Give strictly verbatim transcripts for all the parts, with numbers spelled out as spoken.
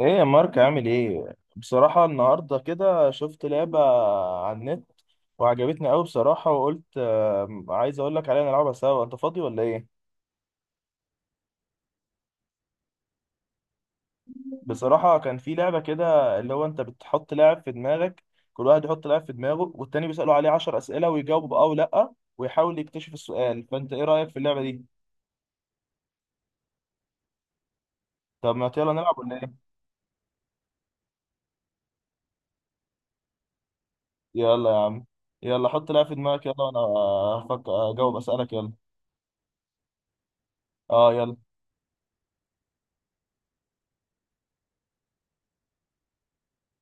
ايه يا مارك عامل ايه؟ بصراحة النهاردة كده شفت لعبة على النت وعجبتني قوي بصراحة، وقلت آه، عايز اقول لك عليها نلعبها سوا. انت فاضي ولا ايه؟ بصراحة كان في لعبة كده، اللي هو انت بتحط لاعب في دماغك، كل واحد يحط لاعب في دماغه والتاني بيسأله عليه عشر أسئلة ويجاوب بأه ولا، ويحاول يكتشف السؤال. فانت ايه رأيك في اللعبة دي؟ طب ما يلا نلعب ولا ايه؟ يلا يا عم، يلا حط لاعب في دماغك يلا، وانا هفكر اجاوب أسألك يلا. اه يلا.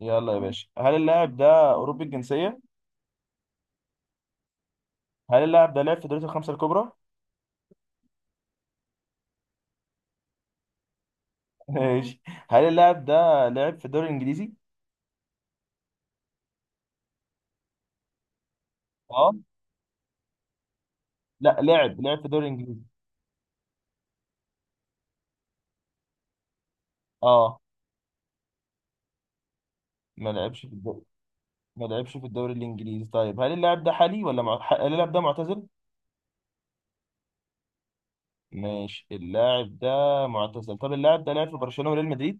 يلا يا باشا، هل اللاعب ده أوروبي الجنسية؟ هل اللاعب ده لعب في دوري الخمسة الكبرى؟ ماشي. هل اللاعب ده لعب في الدوري الإنجليزي؟ اه، لا لعب لعب في الدوري الإنجليزي. اه. ما لعبش في الدوري. ما لعبش في الدوري الإنجليزي. طيب هل اللاعب ده حالي ولا مع... ح- هل اللاعب ده معتزل؟ ماشي، اللاعب ده معتزل. طب اللاعب ده لعب في برشلونة وريال مدريد؟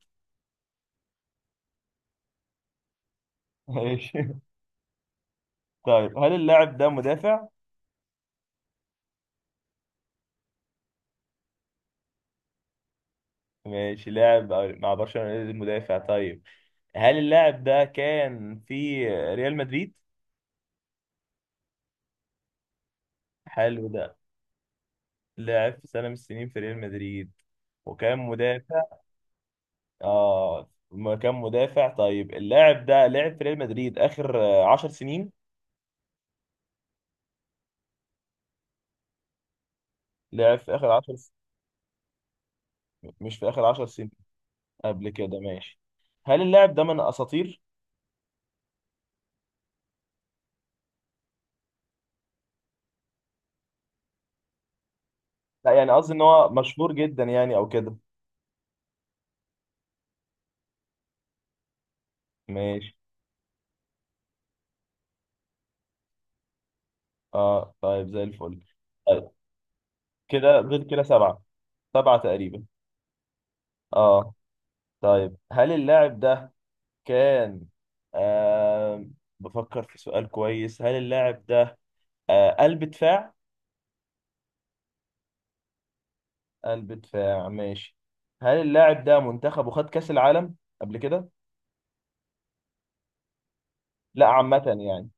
ماشي طيب هل اللاعب ده مدافع؟ ماشي، لاعب مع برشلونة المدافع. طيب هل اللاعب ده كان في ريال مدريد؟ حلو ده. لعب في سنة من السنين في ريال مدريد وكان مدافع. اه، ما كان مدافع. طيب اللاعب ده لعب في ريال مدريد آخر آه، عشر سنين. لعب في آخر عشر س... مش في آخر عشر سنين. قبل كده ماشي. هل اللاعب ده من أساطير؟ لا يعني، قصدي إن هو مشهور جدا يعني أو كده. ماشي اه، طيب زي الفل. طيب كده غير كده سبعة، سبعة تقريبا. اه، طيب هل اللاعب ده كان آه بفكر في سؤال كويس. هل اللاعب ده آه قلب دفاع. قلب دفاع ماشي. هل اللاعب ده منتخبه خد كأس العالم قبل كده؟ لا عامة يعني.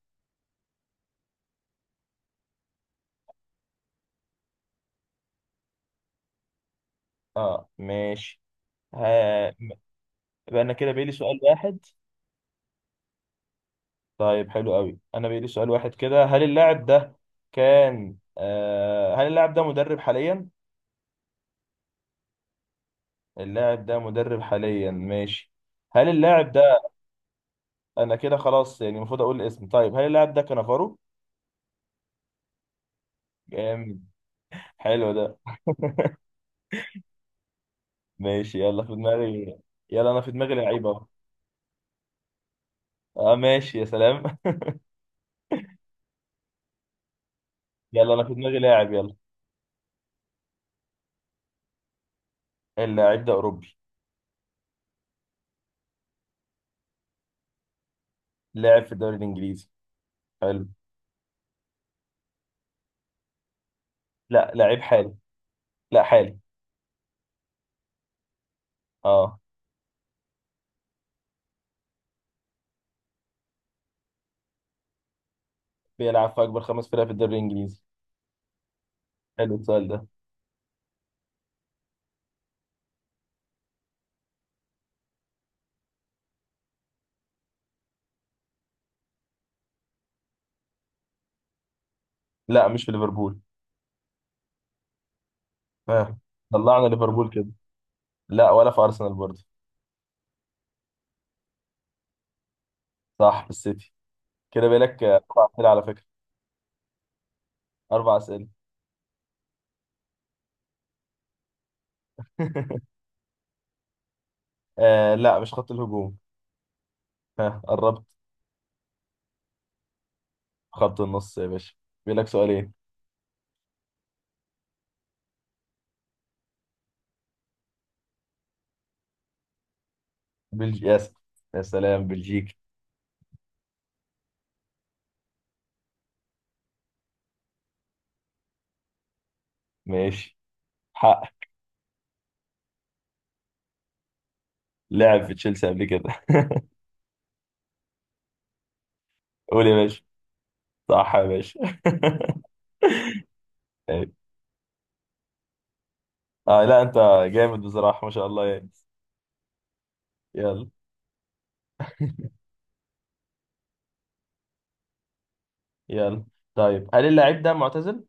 اه ماشي. ها م- يبقى انا كده بيلي سؤال واحد. طيب حلو قوي، انا بيلي سؤال واحد كده. هل اللاعب ده كان آه هل اللاعب ده مدرب حاليا؟ اللاعب ده مدرب حاليا ماشي. هل اللاعب ده... انا كده خلاص، يعني المفروض اقول الاسم. طيب هل اللاعب ده كانافارو؟ جامد، حلو ده. ماشي يلا في دماغي. يلا انا في دماغي لعيبه. اه ماشي يا سلام يلا انا في دماغي لاعب يلا. اللاعب ده اوروبي. لاعب في الدوري الانجليزي. حلو. لا، لاعب حالي. لا حالي. اه، بيلعب في اكبر خمس فرق في الدوري الانجليزي. حلو السؤال ده. لا مش في ليفربول. اه طلعنا ليفربول كده. لا، ولا في ارسنال برضه. صح في السيتي. كده بيلك آه، اربع اسئله على فكره. اربع اسئله آه لا مش خط الهجوم. ها قربت. خط النص يا باشا. بيلك سؤالين. بلجي يا س- يا سلام بلجيكا. ماشي، حق. لعب في تشيلسي قبل كده قول يا باشا. صح يا باشا طيب. آه لا انت جامد بصراحة، ما شاء الله يعني. يلا. يلا. طيب هل اللاعب ده معتزل؟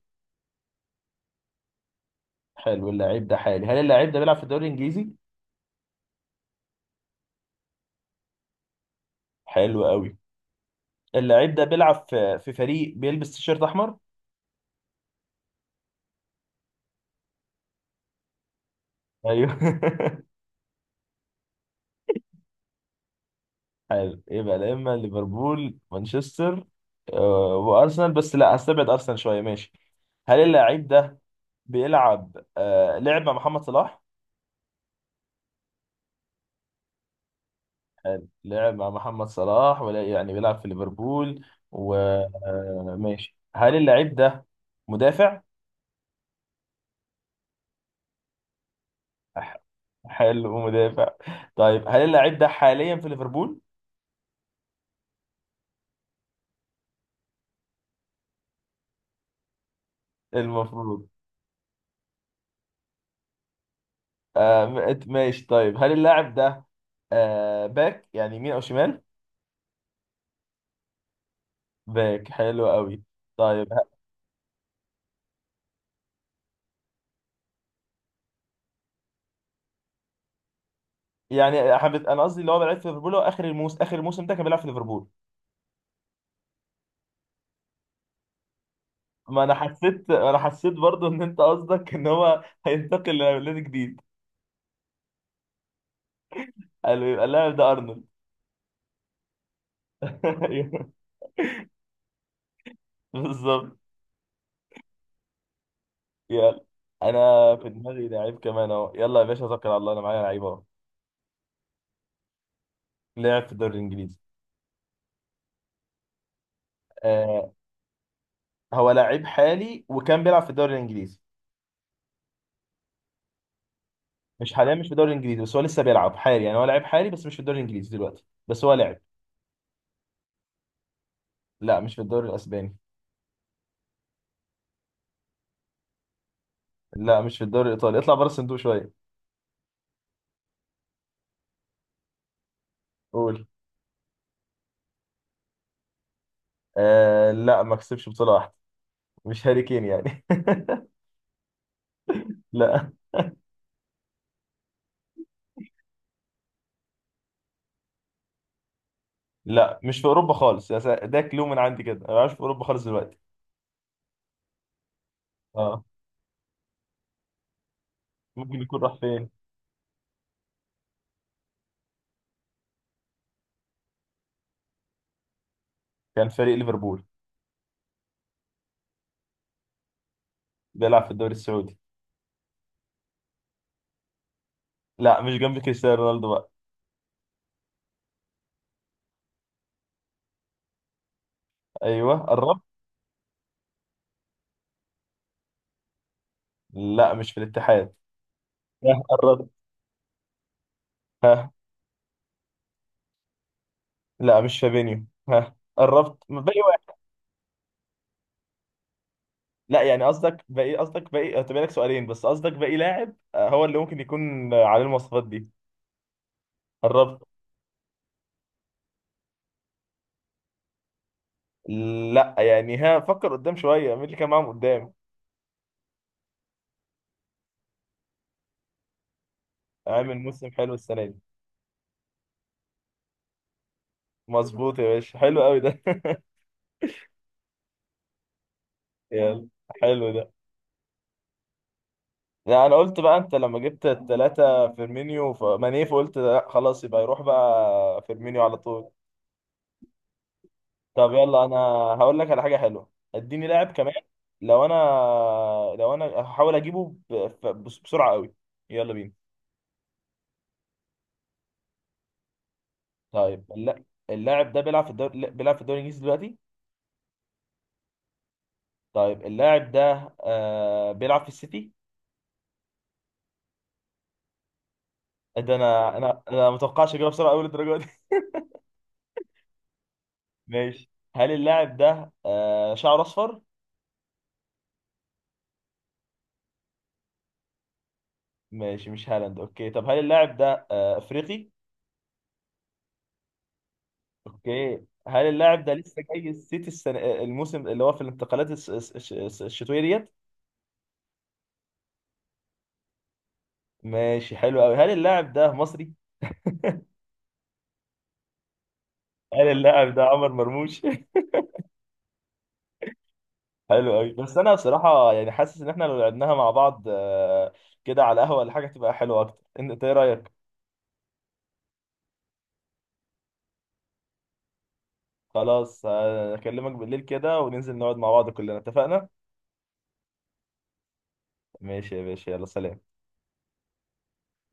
حلو، اللاعب ده حالي. هل اللاعب ده بيلعب في الدوري الانجليزي؟ حلو قوي. اللاعب ده بيلعب في في فريق بيلبس تيشيرت احمر؟ ايوه حلو، يبقى لا اما ليفربول مانشستر آه، وارسنال، بس لا هستبعد ارسنال شوية. ماشي. هل اللاعب ده بيلعب آه، لعب مع محمد صلاح؟ لعب مع محمد صلاح، ولا يعني بيلعب في ليفربول وماشي. هل اللعيب ده مدافع؟ ح- حلو مدافع. طيب هل اللاعب ده حاليا في ليفربول؟ المفروض. آه م- ماشي. طيب هل اللاعب ده آه باك يعني، يمين او شمال؟ باك، حلو قوي. طيب ه- يعني حبيت، انا قصدي اللي هو بيلعب في ليفربول، هو اخر الموسم. اخر الموسم ده كان بيلعب في ليفربول. ما انا حسيت، انا حسيت برضو ان انت قصدك ان هو هينتقل لنادي جديد. قالوا يبقى اللاعب ده ارنولد. أيوه، بالظبط. يلا انا في دماغي لعيب كمان اهو. يلا يا باشا، توكل على الله. انا معايا لعيب اهو. لعب في الدوري الانجليزي. آه. هو لعيب حالي وكان بيلعب في الدوري الانجليزي. مش حاليا مش في الدوري الانجليزي، بس هو لسه بيلعب حالي. يعني هو لعيب حالي بس مش في الدوري الانجليزي دلوقتي، بس هو لعب. لا مش في الدوري الاسباني. لا مش في الدوري الايطالي. اطلع بره الصندوق شويه. قول. آه لا، ما كسبش بطوله واحده. مش هاري كين يعني لا. لا مش في اوروبا خالص يا سا- ده كلو من عندي كده. انا مش في اوروبا خالص دلوقتي. آه. ممكن يكون راح فين. كان فريق ليفربول. بيلعب في الدوري السعودي. لا مش جنب كريستيانو رونالدو بقى. ايوه قربت. لا مش في الاتحاد. ها قربت. ها. لا مش فابينيو. ها قربت، باقي واحد. لا يعني قصدك باقي، قصدك باقي هتبقى لك سؤالين، بس قصدك باقي لاعب آه، هو اللي ممكن يكون آه، عليه المواصفات دي. قربت. لا يعني، ها، فكر قدام شويه مين اللي كان معاهم قدام. عامل موسم حلو السنه دي. مظبوط يا باشا، حلو قوي ده يلا، حلو ده. لا انا قلت بقى انت لما جبت التلاتة فيرمينيو فماني، فقلت لا خلاص يبقى يروح بقى فيرمينيو على طول. طب يلا، انا هقول لك على حاجة حلوة. اديني لاعب كمان. لو انا لو انا هحاول اجيبه ب- ف- بس- بسرعة قوي. يلا بينا. طيب الل- اللاعب ده بيلعب في الدوري، لا، بيلعب في الدوري الانجليزي دلوقتي. طيب اللاعب ده آه بيلعب في السيتي. ده انا انا انا ما اتوقعش اجيبها بسرعة قوي للدرجة دي. ماشي. هل اللاعب ده آه شعره اصفر؟ ماشي، مش هالاند. اوكي، طب هل اللاعب ده آه، افريقي؟ اوكي. هل اللاعب ده لسه جاي السيتي السنة آه، الموسم اللي هو في الانتقالات الس- الس- الس- الس- الشتوية ديت؟ ماشي حلو قوي. هل اللاعب ده مصري؟ هل اللاعب ده عمر مرموش؟ حلو قوي. بس انا بصراحة يعني حاسس ان احنا لو لعبناها مع بعض آه، كده على القهوة ولا حاجة، تبقى حلوة اكتر. إن- انت ايه رأيك؟ خلاص آه، اكلمك بالليل كده وننزل نقعد مع بعض كلنا. اتفقنا. ماشي يا باشا، يلا سلام.